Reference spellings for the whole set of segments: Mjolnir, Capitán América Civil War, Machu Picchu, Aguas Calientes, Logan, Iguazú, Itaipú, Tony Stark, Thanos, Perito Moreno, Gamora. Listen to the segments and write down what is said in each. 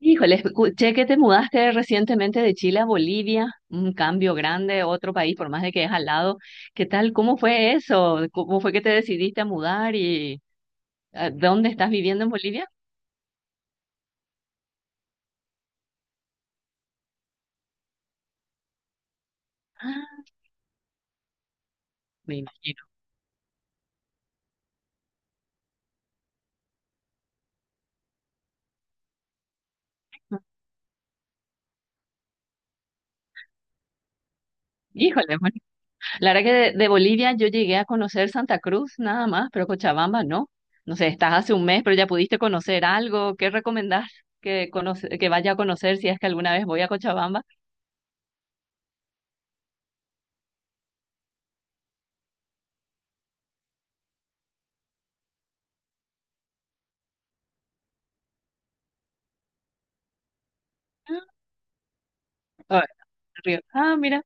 Híjole, escuché que te mudaste recientemente de Chile a Bolivia, un cambio grande, otro país, por más de que es al lado. ¿Qué tal? ¿Cómo fue eso? ¿Cómo fue que te decidiste a mudar y dónde estás viviendo en Bolivia? Ah, me imagino. Híjole, bueno, la verdad que de Bolivia yo llegué a conocer Santa Cruz nada más, pero Cochabamba no. No sé, estás hace un mes, pero ya pudiste conocer algo. ¿Qué recomendás que vaya a conocer si es que alguna vez voy a Cochabamba? Ah, ah, Río. Ah, mira.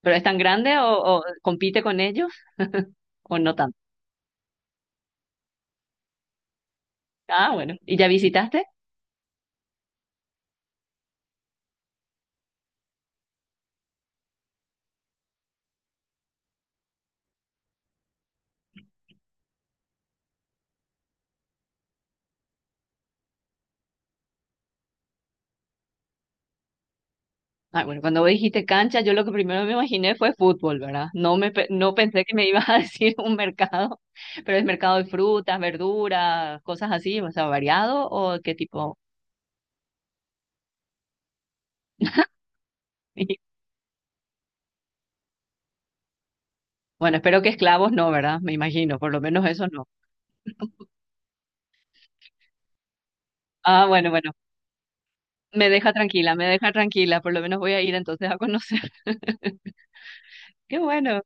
¿Pero es tan grande o, compite con ellos o no tanto? Ah, bueno. ¿Y ya visitaste? Ah, bueno, cuando vos dijiste cancha, yo lo que primero me imaginé fue fútbol, ¿verdad? No pensé que me ibas a decir un mercado, pero es mercado de frutas, verduras, cosas así, o sea, variado o qué tipo. Bueno, espero que esclavos no, ¿verdad? Me imagino, por lo menos eso no. Ah, bueno, bueno, me deja tranquila, por lo menos voy a ir entonces a conocer. Qué bueno.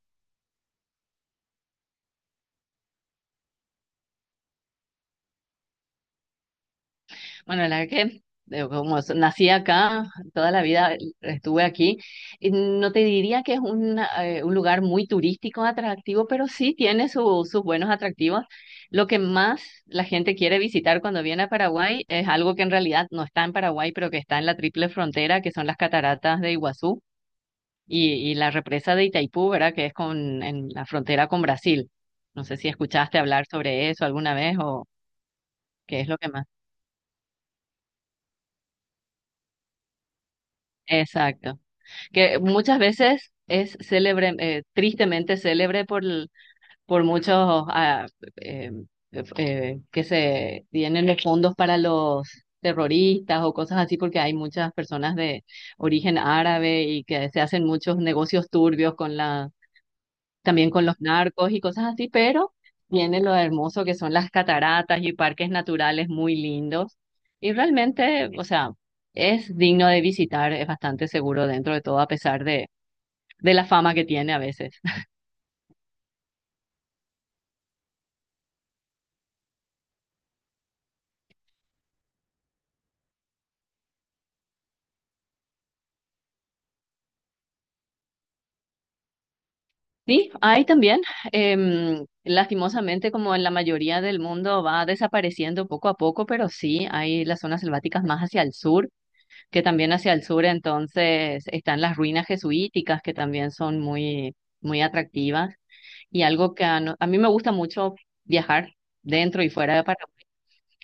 Bueno, la verdad que como nací acá, toda la vida estuve aquí, y no te diría que es un lugar muy turístico atractivo, pero sí tiene sus buenos atractivos. Lo que más la gente quiere visitar cuando viene a Paraguay es algo que en realidad no está en Paraguay, pero que está en la triple frontera, que son las cataratas de Iguazú y la represa de Itaipú, ¿verdad? Que es en la frontera con Brasil. No sé si escuchaste hablar sobre eso alguna vez o qué es lo que más. Exacto. Que muchas veces es célebre, tristemente célebre por muchos eh, que se tienen los fondos para los terroristas o cosas así, porque hay muchas personas de origen árabe y que se hacen muchos negocios turbios con la, también con los narcos y cosas así, pero tiene lo hermoso que son las cataratas y parques naturales muy lindos. Y realmente, o sea, es digno de visitar, es bastante seguro dentro de todo, a pesar de la fama que tiene a veces. Sí, hay también, lastimosamente, como en la mayoría del mundo, va desapareciendo poco a poco, pero sí hay las zonas selváticas más hacia el sur, que también hacia el sur entonces están las ruinas jesuíticas, que también son muy, muy atractivas. Y algo que a, no- a mí me gusta mucho viajar dentro y fuera de Paraguay.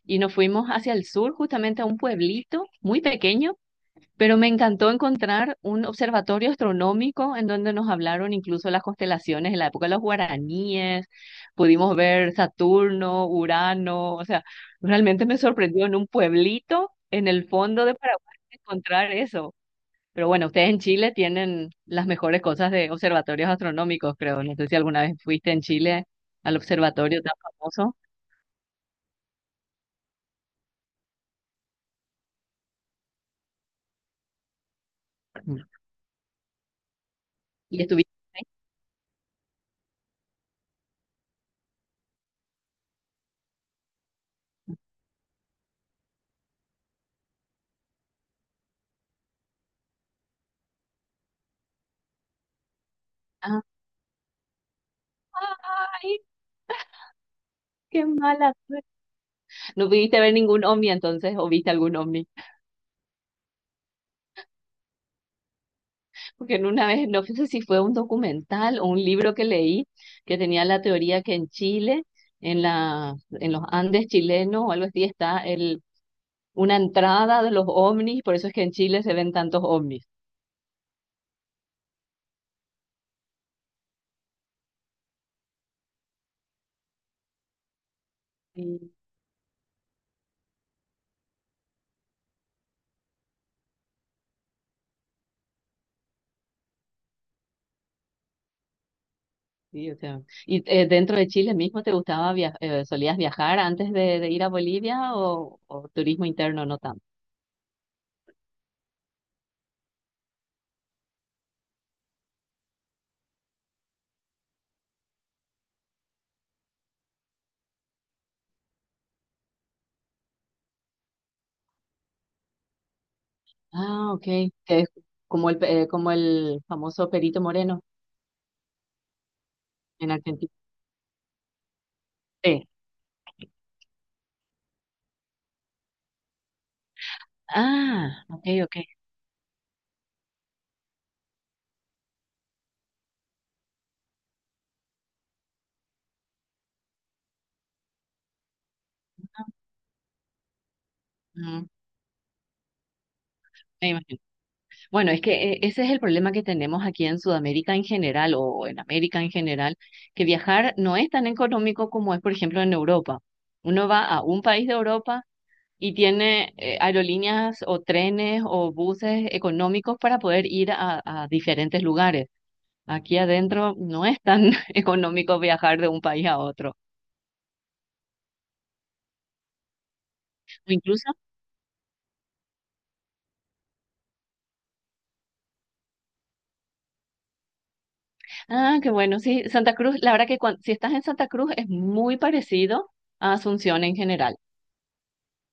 Y nos fuimos hacia el sur, justamente a un pueblito muy pequeño. Pero me encantó encontrar un observatorio astronómico en donde nos hablaron incluso las constelaciones en la época de los guaraníes, pudimos ver Saturno, Urano, o sea, realmente me sorprendió en un pueblito en el fondo de Paraguay encontrar eso. Pero bueno, ustedes en Chile tienen las mejores cosas de observatorios astronómicos, creo. No sé si alguna vez fuiste en Chile al observatorio tan famoso y estuviste ahí. Ah, ¡ay, qué mala! No pudiste ver ningún ovni entonces, o viste algún ovni. Porque en una vez, no sé si fue un documental o un libro que leí, que tenía la teoría que en Chile, en en los Andes chilenos o algo así, está una entrada de los ovnis, por eso es que en Chile se ven tantos ovnis. Sí, sí, o sea, ¿y dentro de Chile mismo te gustaba viajar, solías viajar antes de ir a Bolivia o turismo interno no tanto? Ah, ok, que es como como el famoso Perito Moreno en Argentina. Sí. Ah, ok, ok. Mm, me imagino. Bueno, es que ese es el problema que tenemos aquí en Sudamérica en general o en América en general, que viajar no es tan económico como es, por ejemplo, en Europa. Uno va a un país de Europa y tiene aerolíneas o trenes o buses económicos para poder ir a diferentes lugares. Aquí adentro no es tan económico viajar de un país a otro. O incluso. Ah, qué bueno, sí, Santa Cruz, la verdad que si estás en Santa Cruz es muy parecido a Asunción en general. O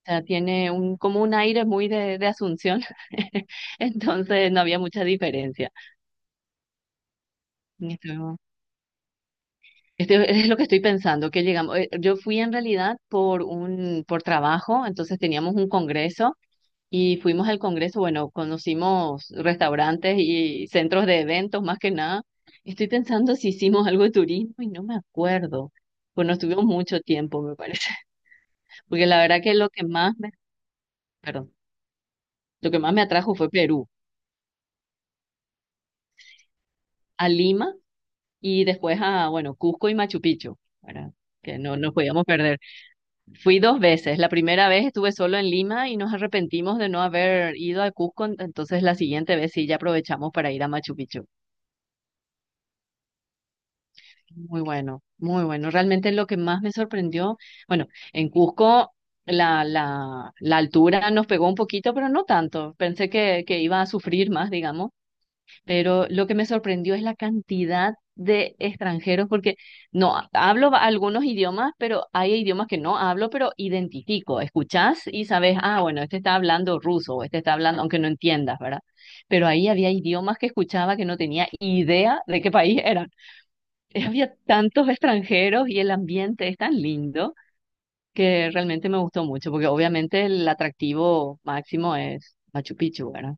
sea, tiene como un aire muy de Asunción, entonces no había mucha diferencia. Esto, esto es lo que estoy pensando, que llegamos, yo fui en realidad por trabajo, entonces teníamos un congreso. Y fuimos al congreso, bueno, conocimos restaurantes y centros de eventos más que nada. Estoy pensando si hicimos algo de turismo y no me acuerdo. Pues no estuvimos mucho tiempo, me parece. Porque la verdad que lo que más me, perdón, lo que más me atrajo fue Perú, a Lima y después a, bueno, Cusco y Machu Picchu, ¿verdad? Que no nos podíamos perder. Fui dos veces. La primera vez estuve solo en Lima y nos arrepentimos de no haber ido a Cusco, entonces la siguiente vez sí ya aprovechamos para ir a Machu Picchu. Muy bueno, muy bueno. Realmente lo que más me sorprendió, bueno, en Cusco la altura nos pegó un poquito, pero no tanto. Pensé que iba a sufrir más, digamos, pero lo que me sorprendió es la cantidad de extranjeros, porque no hablo ba- algunos idiomas, pero hay idiomas que no hablo, pero identifico, escuchás y sabes, ah, bueno, este está hablando ruso, o este está hablando, aunque no entiendas, ¿verdad? Pero ahí había idiomas que escuchaba que no tenía idea de qué país era. Había tantos extranjeros y el ambiente es tan lindo que realmente me gustó mucho, porque obviamente el atractivo máximo es Machu Picchu, ¿verdad?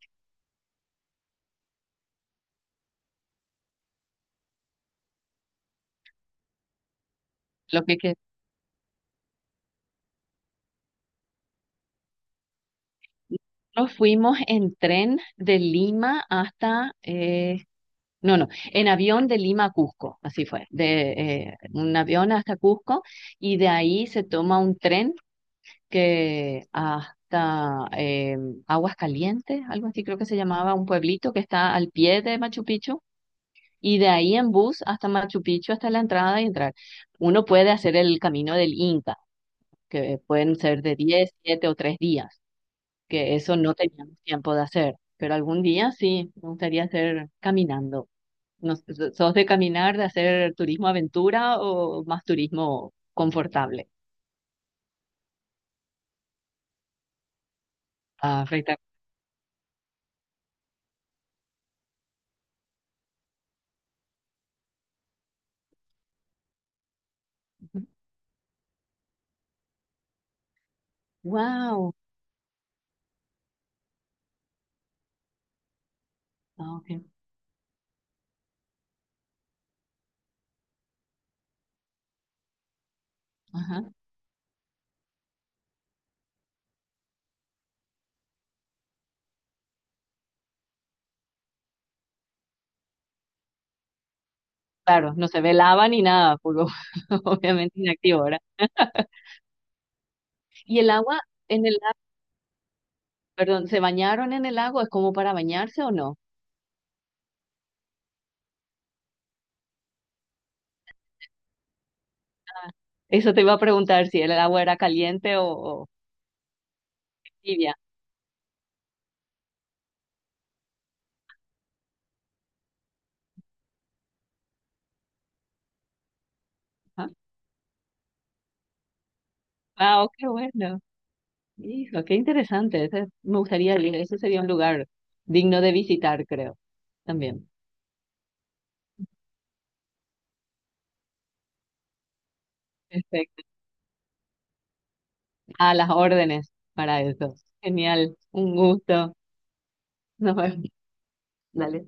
Que nos fuimos en tren de Lima hasta, no, no, en avión de Lima a Cusco, así fue, de un avión hasta Cusco y de ahí se toma un tren que hasta Aguas Calientes, algo así creo que se llamaba, un pueblito que está al pie de Machu Picchu. Y de ahí en bus hasta Machu Picchu, hasta la entrada y entrar. Uno puede hacer el camino del Inca, que pueden ser de 10 7 o 3 días, que eso no teníamos tiempo de hacer. Pero algún día sí, me gustaría hacer caminando. No sé, ¿sos de caminar, de hacer turismo aventura o más turismo confortable? Ah, Freita. Wow. Ah, ok. Ajá. Claro, no se ve lava ni nada, porque obviamente inactivo, ¿verdad? Y el agua, en. Perdón, ¿se bañaron en el agua? ¿Es como para bañarse o no? Eso te iba a preguntar si el agua era caliente o tibia. Ajá. Ah, oh, qué bueno. Hijo, qué interesante. Me gustaría ir. Eso sería un lugar digno de visitar, creo. También. Perfecto. A las órdenes para eso. Genial. Un gusto. Nos vemos. Dale.